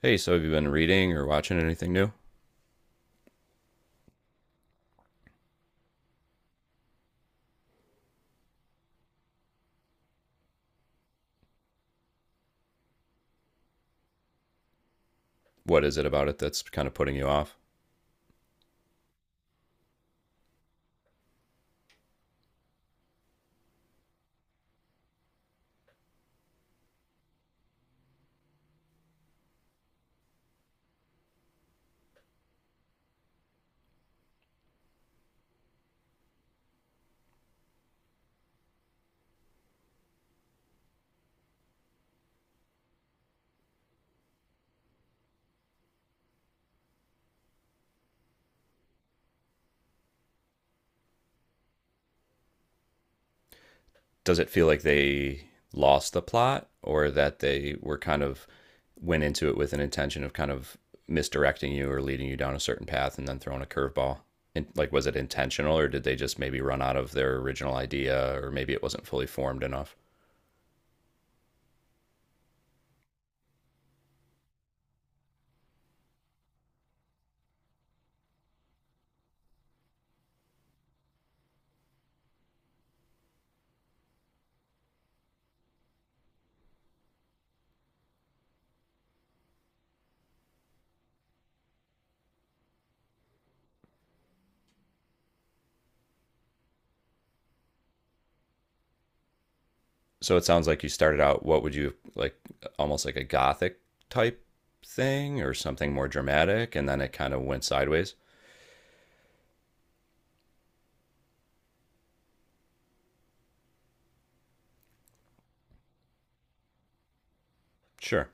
Hey, so have you been reading or watching anything new? What is it about it that's kind of putting you off? Does it feel like they lost the plot or that they were kind of went into it with an intention of kind of misdirecting you or leading you down a certain path and then throwing a curveball? And like, was it intentional or did they just maybe run out of their original idea or maybe it wasn't fully formed enough? So it sounds like you started out, what would you like, almost like a gothic type thing or something more dramatic and then it kind of went sideways? Sure.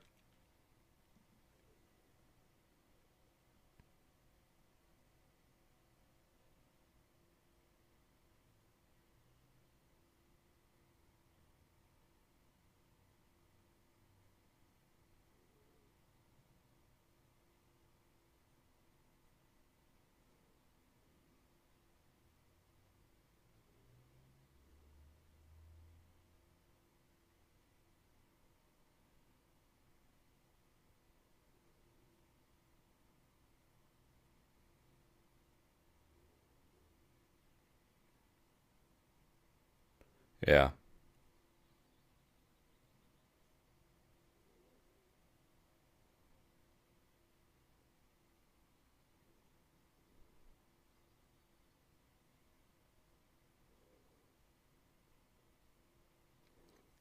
Yeah.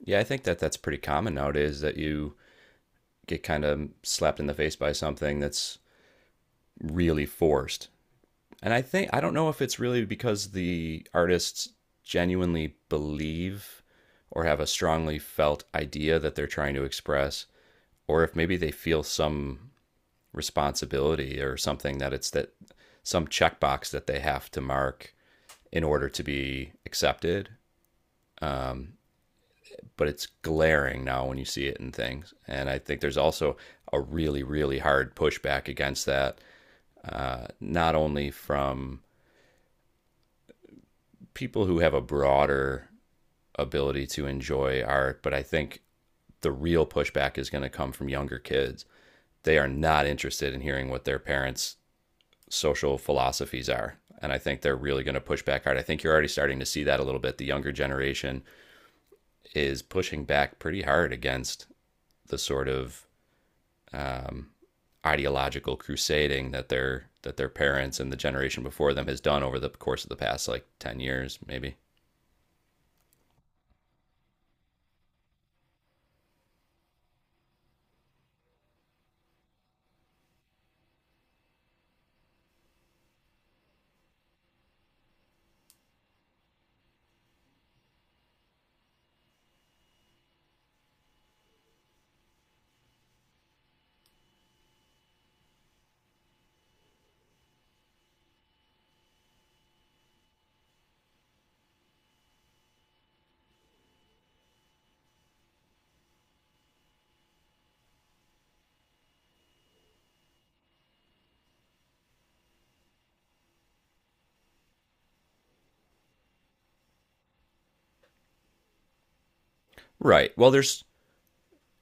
Yeah, I think that that's pretty common nowadays that you get kind of slapped in the face by something that's really forced. And I think I don't know if it's really because the artists genuinely believe or have a strongly felt idea that they're trying to express or if maybe they feel some responsibility or something that it's that some checkbox that they have to mark in order to be accepted, but it's glaring now when you see it in things. And I think there's also a really, really hard pushback against that, not only from people who have a broader ability to enjoy art, but I think the real pushback is going to come from younger kids. They are not interested in hearing what their parents' social philosophies are. And I think they're really going to push back hard. I think you're already starting to see that a little bit. The younger generation is pushing back pretty hard against the sort of um, ideological crusading that their parents and the generation before them has done over the course of the past like 10 years maybe. Right. Well, there's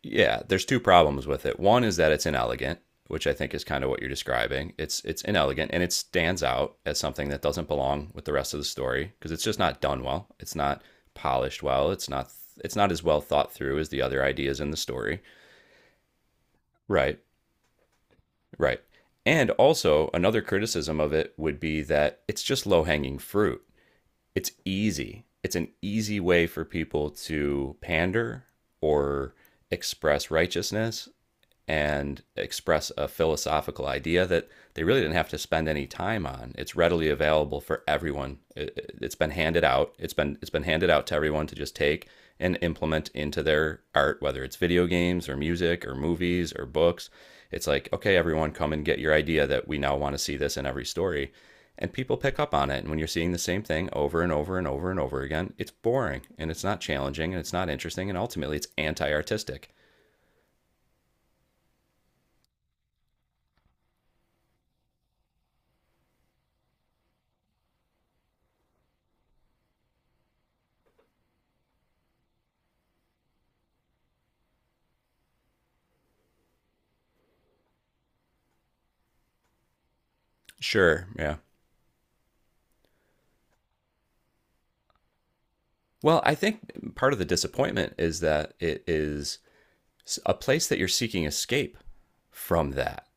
yeah, there's two problems with it. One is that it's inelegant, which I think is kind of what you're describing. It's inelegant and it stands out as something that doesn't belong with the rest of the story because it's just not done well. It's not polished well. It's not as well thought through as the other ideas in the story. Right. Right. And also another criticism of it would be that it's just low-hanging fruit. It's easy. It's an easy way for people to pander or express righteousness and express a philosophical idea that they really didn't have to spend any time on. It's readily available for everyone. It has been handed out. It's been handed out to everyone to just take and implement into their art, whether it's video games or music or movies or books. It's like, okay, everyone, come and get your idea that we now want to see this in every story, and people pick up on it. And when you're seeing the same thing over and over and over and over again, it's boring and it's not challenging and it's not interesting and ultimately it's anti-artistic. Sure, yeah. Well, I think part of the disappointment is that it is a place that you're seeking escape from, that,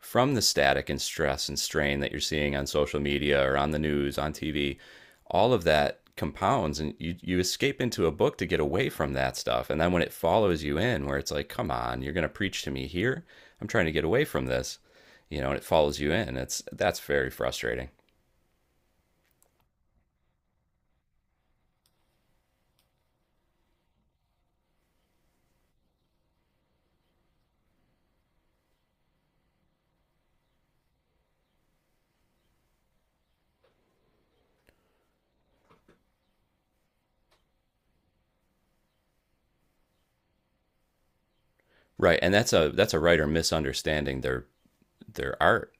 from the static and stress and strain that you're seeing on social media or on the news, on TV. All of that compounds, and you escape into a book to get away from that stuff. And then when it follows you in, where it's like, come on, you're going to preach to me here. I'm trying to get away from this, and it follows you in. It's That's very frustrating. Right, and that's a writer misunderstanding their art,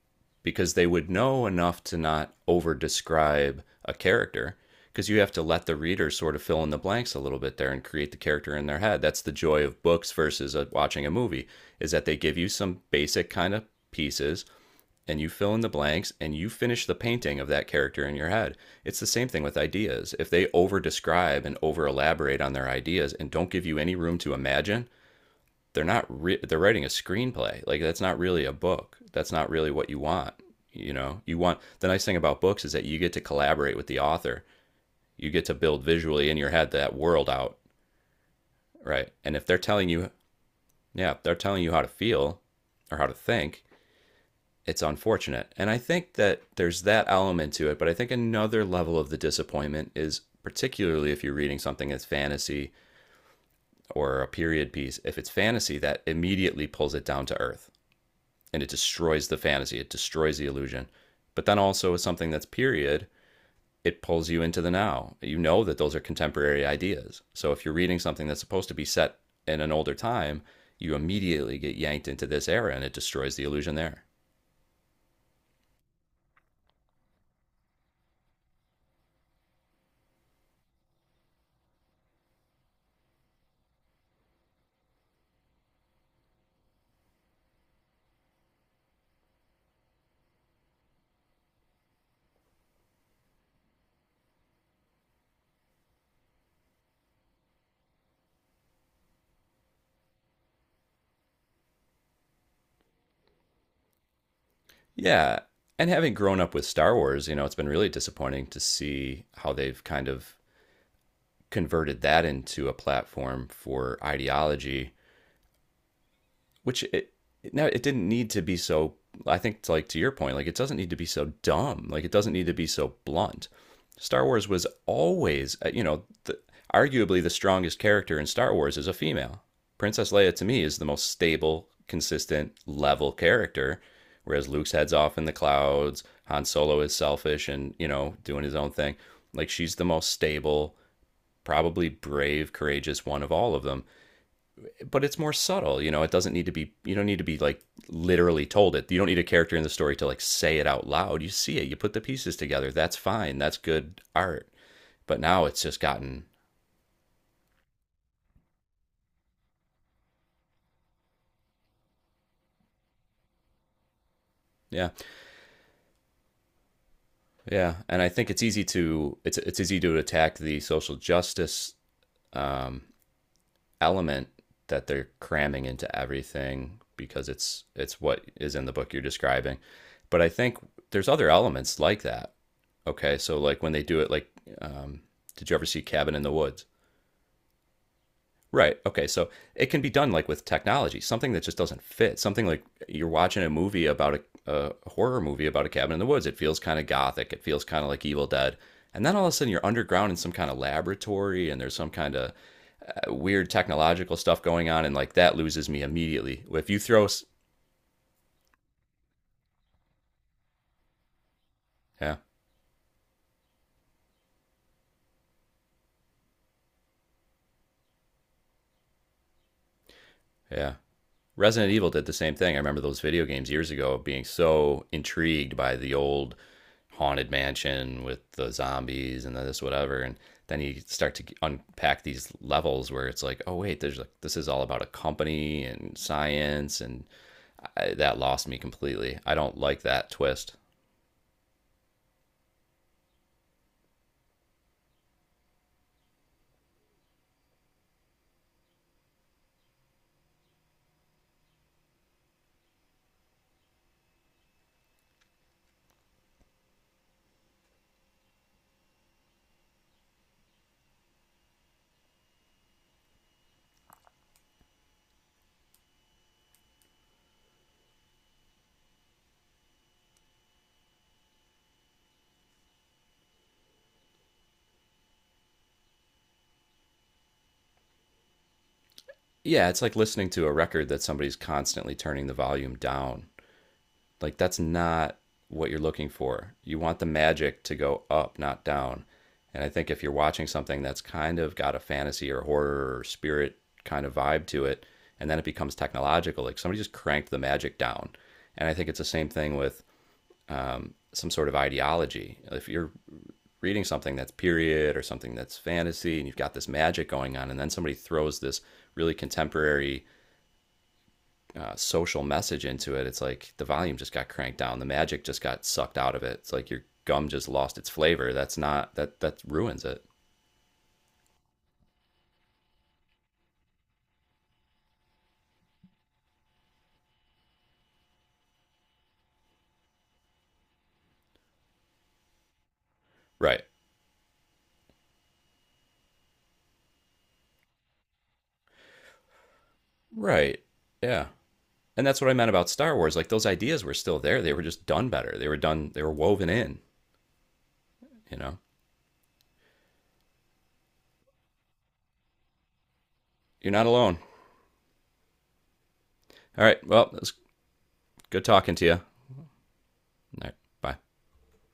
because they would know enough to not over describe a character, because you have to let the reader sort of fill in the blanks a little bit there and create the character in their head. That's the joy of books versus watching a movie, is that they give you some basic kind of pieces and you fill in the blanks and you finish the painting of that character in your head. It's the same thing with ideas. If they over describe and over elaborate on their ideas and don't give you any room to imagine, they're not they're writing a screenplay. Like that's not really a book. That's not really what you want. You know, you want, the nice thing about books is that you get to collaborate with the author. You get to build visually in your head that world out, right? And if they're telling you, yeah, they're telling you how to feel or how to think, it's unfortunate. And I think that there's that element to it, but I think another level of the disappointment is particularly if you're reading something that's fantasy or a period piece. If it's fantasy, that immediately pulls it down to earth and it destroys the fantasy, it destroys the illusion. But then also as something that's period, it pulls you into the now. You know that those are contemporary ideas. So if you're reading something that's supposed to be set in an older time, you immediately get yanked into this era and it destroys the illusion there. Yeah. And having grown up with Star Wars, you know, it's been really disappointing to see how they've kind of converted that into a platform for ideology, which it didn't need to be so. I think, like to your point, like, it doesn't need to be so dumb. Like it doesn't need to be so blunt. Star Wars was always, arguably the strongest character in Star Wars is a female. Princess Leia to me is the most stable, consistent, level character. Whereas Luke's heads off in the clouds, Han Solo is selfish and doing his own thing. Like she's the most stable, probably brave, courageous one of all of them, but it's more subtle. You know, it doesn't need to be. You don't need to be like literally told it. You don't need a character in the story to like say it out loud. You see it. You put the pieces together. That's fine. That's good art. But now it's just gotten— yeah, yeah, and I think it's easy to attack the social justice um, element that they're cramming into everything, because it's what is in the book you're describing. But I think there's other elements like that. Okay, so like when they do it, like, um, did you ever see Cabin in the Woods? Right. Okay. So it can be done like with technology, something that just doesn't fit. Something like you're watching a movie about a horror movie about a cabin in the woods. It feels kind of gothic. It feels kind of like Evil Dead. And then all of a sudden you're underground in some kind of laboratory and there's some kind of weird technological stuff going on. And like that loses me immediately. If you throw— yeah, yeah, Resident Evil did the same thing. I remember those video games years ago being so intrigued by the old haunted mansion with the zombies and this whatever, and then you start to unpack these levels where it's like, oh wait, there's like, this is all about a company and science, and that lost me completely. I don't like that twist. Yeah, it's like listening to a record that somebody's constantly turning the volume down. Like that's not what you're looking for. You want the magic to go up, not down. And I think if you're watching something that's kind of got a fantasy or horror or spirit kind of vibe to it, and then it becomes technological, like somebody just cranked the magic down. And I think it's the same thing with some sort of ideology. If you're reading something that's period or something that's fantasy and you've got this magic going on, and then somebody throws this really contemporary social message into it, it's like the volume just got cranked down. The magic just got sucked out of it. It's like your gum just lost its flavor. That's not— that that ruins it. Right. Right. Yeah. And that's what I meant about Star Wars. Like those ideas were still there. They were just done better. They were done. They were woven in. You know. You're not alone. All right. Well, it was good talking to you. All right. Bye.